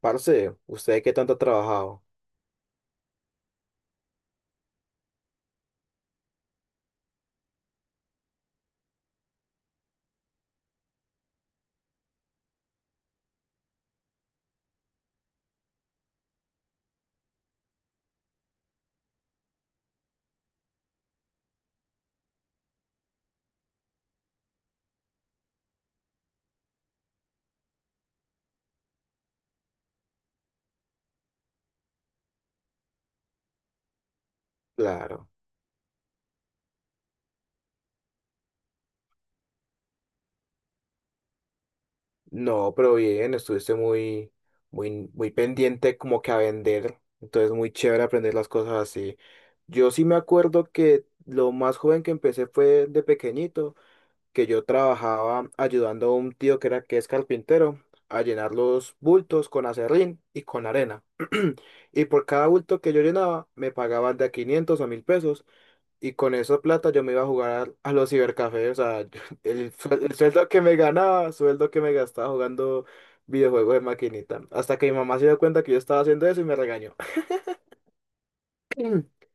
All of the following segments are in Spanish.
Parce, ¿usted qué tanto ha trabajado? Claro. No, pero bien, estuviste muy pendiente como que a vender. Entonces, muy chévere aprender las cosas así. Yo sí me acuerdo que lo más joven que empecé fue de pequeñito, que yo trabajaba ayudando a un tío que era que es carpintero a llenar los bultos con acerrín y con arena. Y por cada bulto que yo llenaba, me pagaban de a 500 a 1.000 pesos. Y con esa plata yo me iba a jugar a los cibercafés, o sea, el sueldo que me ganaba, sueldo que me gastaba jugando videojuegos de maquinita. Hasta que mi mamá se dio cuenta que yo estaba haciendo eso y me regañó.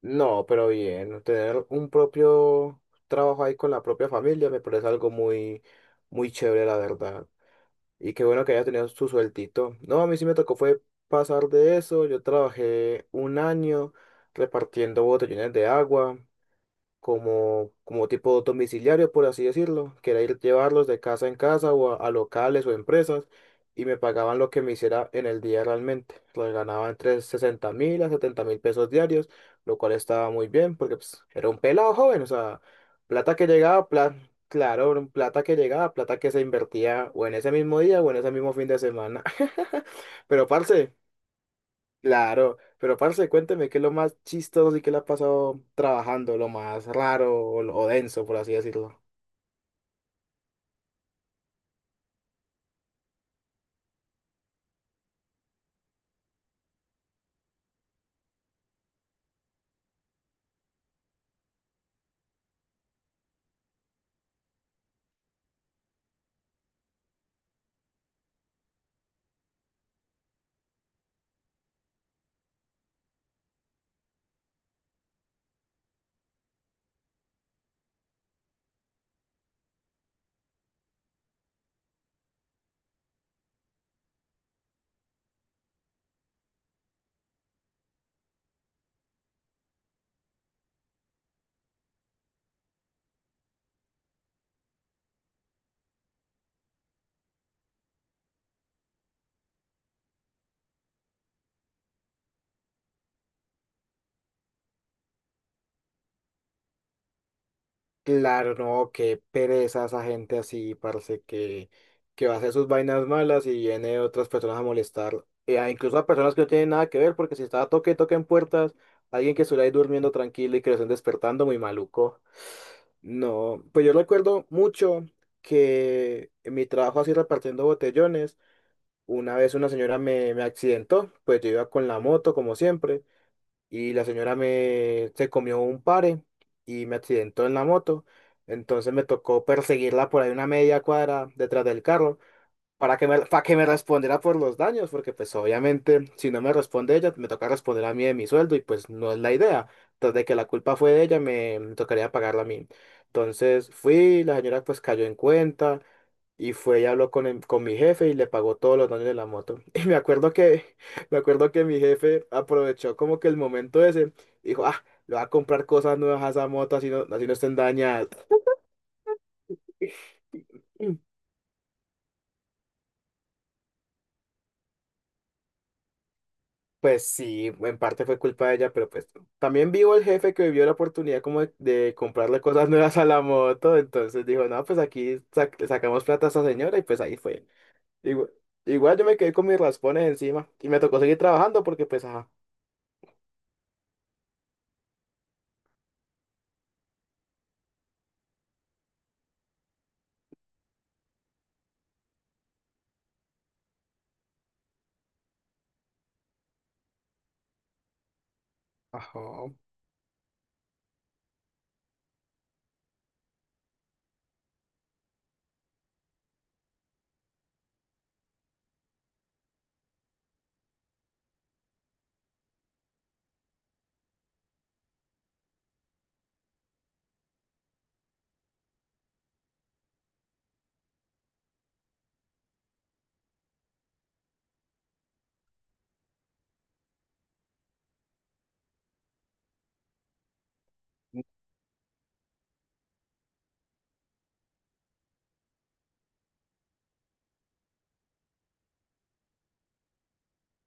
No, pero bien, tener un propio trabajo ahí con la propia familia me parece algo muy chévere, la verdad. Y qué bueno que haya tenido su sueltito. No, a mí sí me tocó fue pasar de eso. Yo trabajé un año repartiendo botellones de agua. Como tipo domiciliario, por así decirlo, que era ir llevarlos de casa en casa o a locales o empresas, y me pagaban lo que me hiciera en el día realmente. Lo ganaba entre 60.000 a 70.000 pesos diarios, lo cual estaba muy bien porque pues, era un pelado joven, o sea, plata que llegaba, pla- claro, era un plata que llegaba, plata que se invertía o en ese mismo día o en ese mismo fin de semana. Pero parce. Claro, pero parce, cuénteme qué es lo más chistoso y qué le ha pasado trabajando, lo más raro o denso, por así decirlo. Claro, no, qué pereza esa gente así, parce, que va a hacer sus vainas malas y viene otras personas a molestar, incluso a personas que no tienen nada que ver, porque si estaba toque, toque en puertas, alguien que estuviera ahí durmiendo tranquilo y que lo estén despertando, muy maluco. No, pues yo recuerdo mucho que en mi trabajo así repartiendo botellones, una vez una señora me accidentó, pues yo iba con la moto como siempre y la señora me se comió un pare y me accidentó en la moto. Entonces me tocó perseguirla por ahí una media cuadra detrás del carro para que me respondiera por los daños, porque pues obviamente si no me responde ella, me toca responder a mí de mi sueldo y pues no es la idea. Entonces de que la culpa fue de ella, me tocaría pagarla a mí. Entonces fui, la señora pues cayó en cuenta y fue y habló con mi jefe y le pagó todos los daños de la moto. Me acuerdo que mi jefe aprovechó como que el momento ese, dijo, ah, le voy a comprar cosas nuevas a esa moto así no estén dañadas. Pues sí, en parte fue culpa de ella, pero pues también vivo el jefe que vio la oportunidad como de comprarle cosas nuevas a la moto, entonces dijo, no, pues aquí sacamos plata a esa señora y pues ahí fue. Igual, igual yo me quedé con mis raspones encima y me tocó seguir trabajando porque pues, ajá, ajá.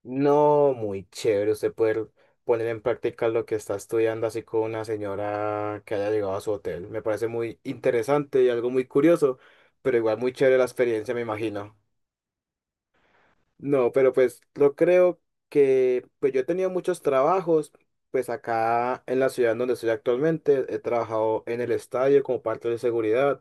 No, muy chévere usted poder poner en práctica lo que está estudiando así con una señora que haya llegado a su hotel. Me parece muy interesante y algo muy curioso, pero igual muy chévere la experiencia, me imagino. No, pero pues yo creo que, pues yo he tenido muchos trabajos, pues acá en la ciudad donde estoy actualmente, he trabajado en el estadio como parte de seguridad,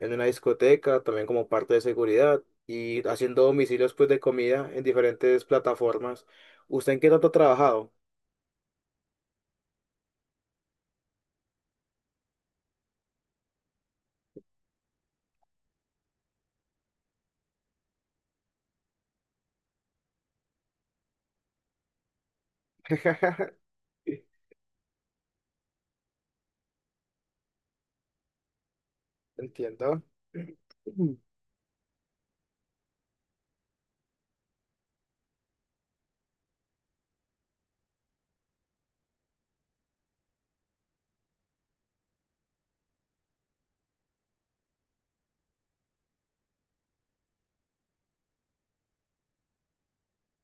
en una discoteca también como parte de seguridad y haciendo domicilios pues de comida en diferentes plataformas. ¿Usted en qué tanto ha trabajado? Entiendo.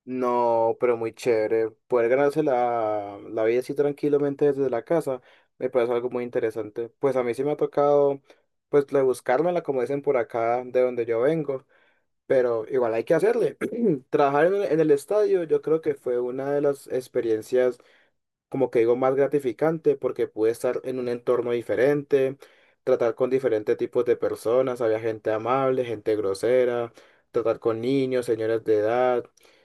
No, pero muy chévere. Poder ganarse la vida así tranquilamente desde la casa me parece algo muy interesante. Pues a mí sí me ha tocado, pues, buscármela, como dicen por acá, de donde yo vengo. Pero igual hay que hacerle. Trabajar en el estadio, yo creo que fue una de las experiencias como que digo, más gratificante porque pude estar en un entorno diferente, tratar con diferentes tipos de personas, había gente amable, gente grosera, tratar con niños, señores de edad,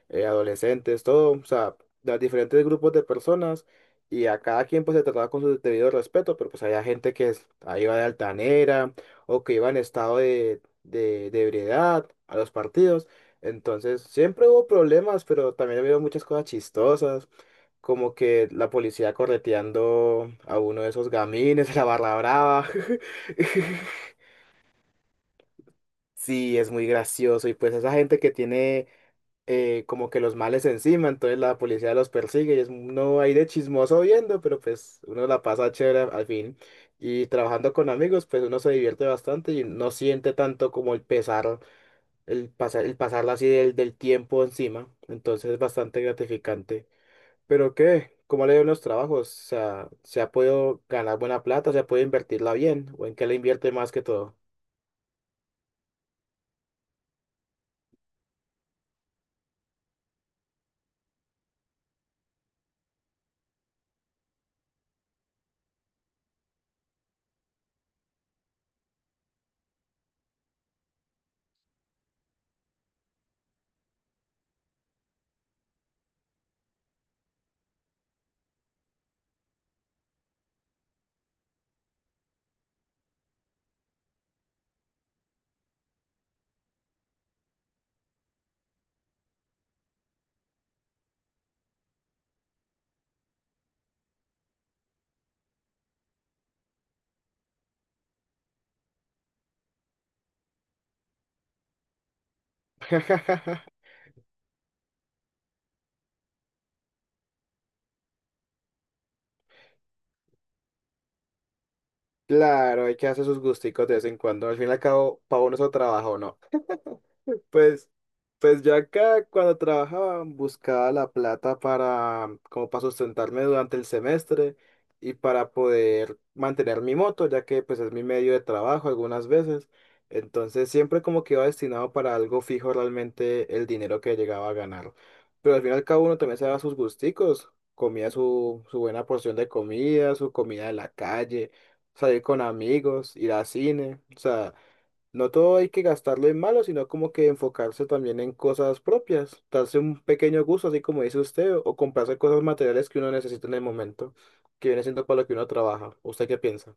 adolescentes, todo, o sea, de diferentes grupos de personas y a cada quien pues se trataba con su debido respeto, pero pues había gente que ahí iba de altanera o que iba en estado de ebriedad a los partidos. Entonces, siempre hubo problemas, pero también había muchas cosas chistosas como que la policía correteando a uno de esos gamines de la Barra Brava. Sí, es muy gracioso. Y pues esa gente que tiene como que los males encima, entonces la policía los persigue y es uno ahí de chismoso viendo, pero pues uno la pasa chévere al fin. Y trabajando con amigos, pues uno se divierte bastante y no siente tanto como el pasarla así del tiempo encima. Entonces es bastante gratificante. Pero qué, ¿cómo le ven los trabajos? O sea, ¿se ha podido ganar buena plata? ¿Se ha podido invertirla bien? ¿O en qué le invierte más que todo? Claro, hay que hacer sus gusticos de vez en cuando. Al fin y al cabo, para uno es el trabajo, ¿no? Pues, pues yo acá cuando trabajaba buscaba la plata para, como para sustentarme durante el semestre y para poder mantener mi moto, ya que pues es mi medio de trabajo algunas veces. Entonces siempre como que iba destinado para algo fijo realmente el dinero que llegaba a ganar. Pero al final y al cabo uno también se daba sus gusticos, comía su buena porción de comida, su comida de la calle, salir con amigos, ir al cine, o sea... No todo hay que gastarlo en malo, sino como que enfocarse también en cosas propias, darse un pequeño gusto, así como dice usted, o comprarse cosas materiales que uno necesita en el momento, que viene siendo para lo que uno trabaja. ¿Usted qué piensa?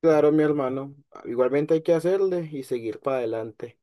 Claro, mi hermano, igualmente hay que hacerle y seguir para adelante.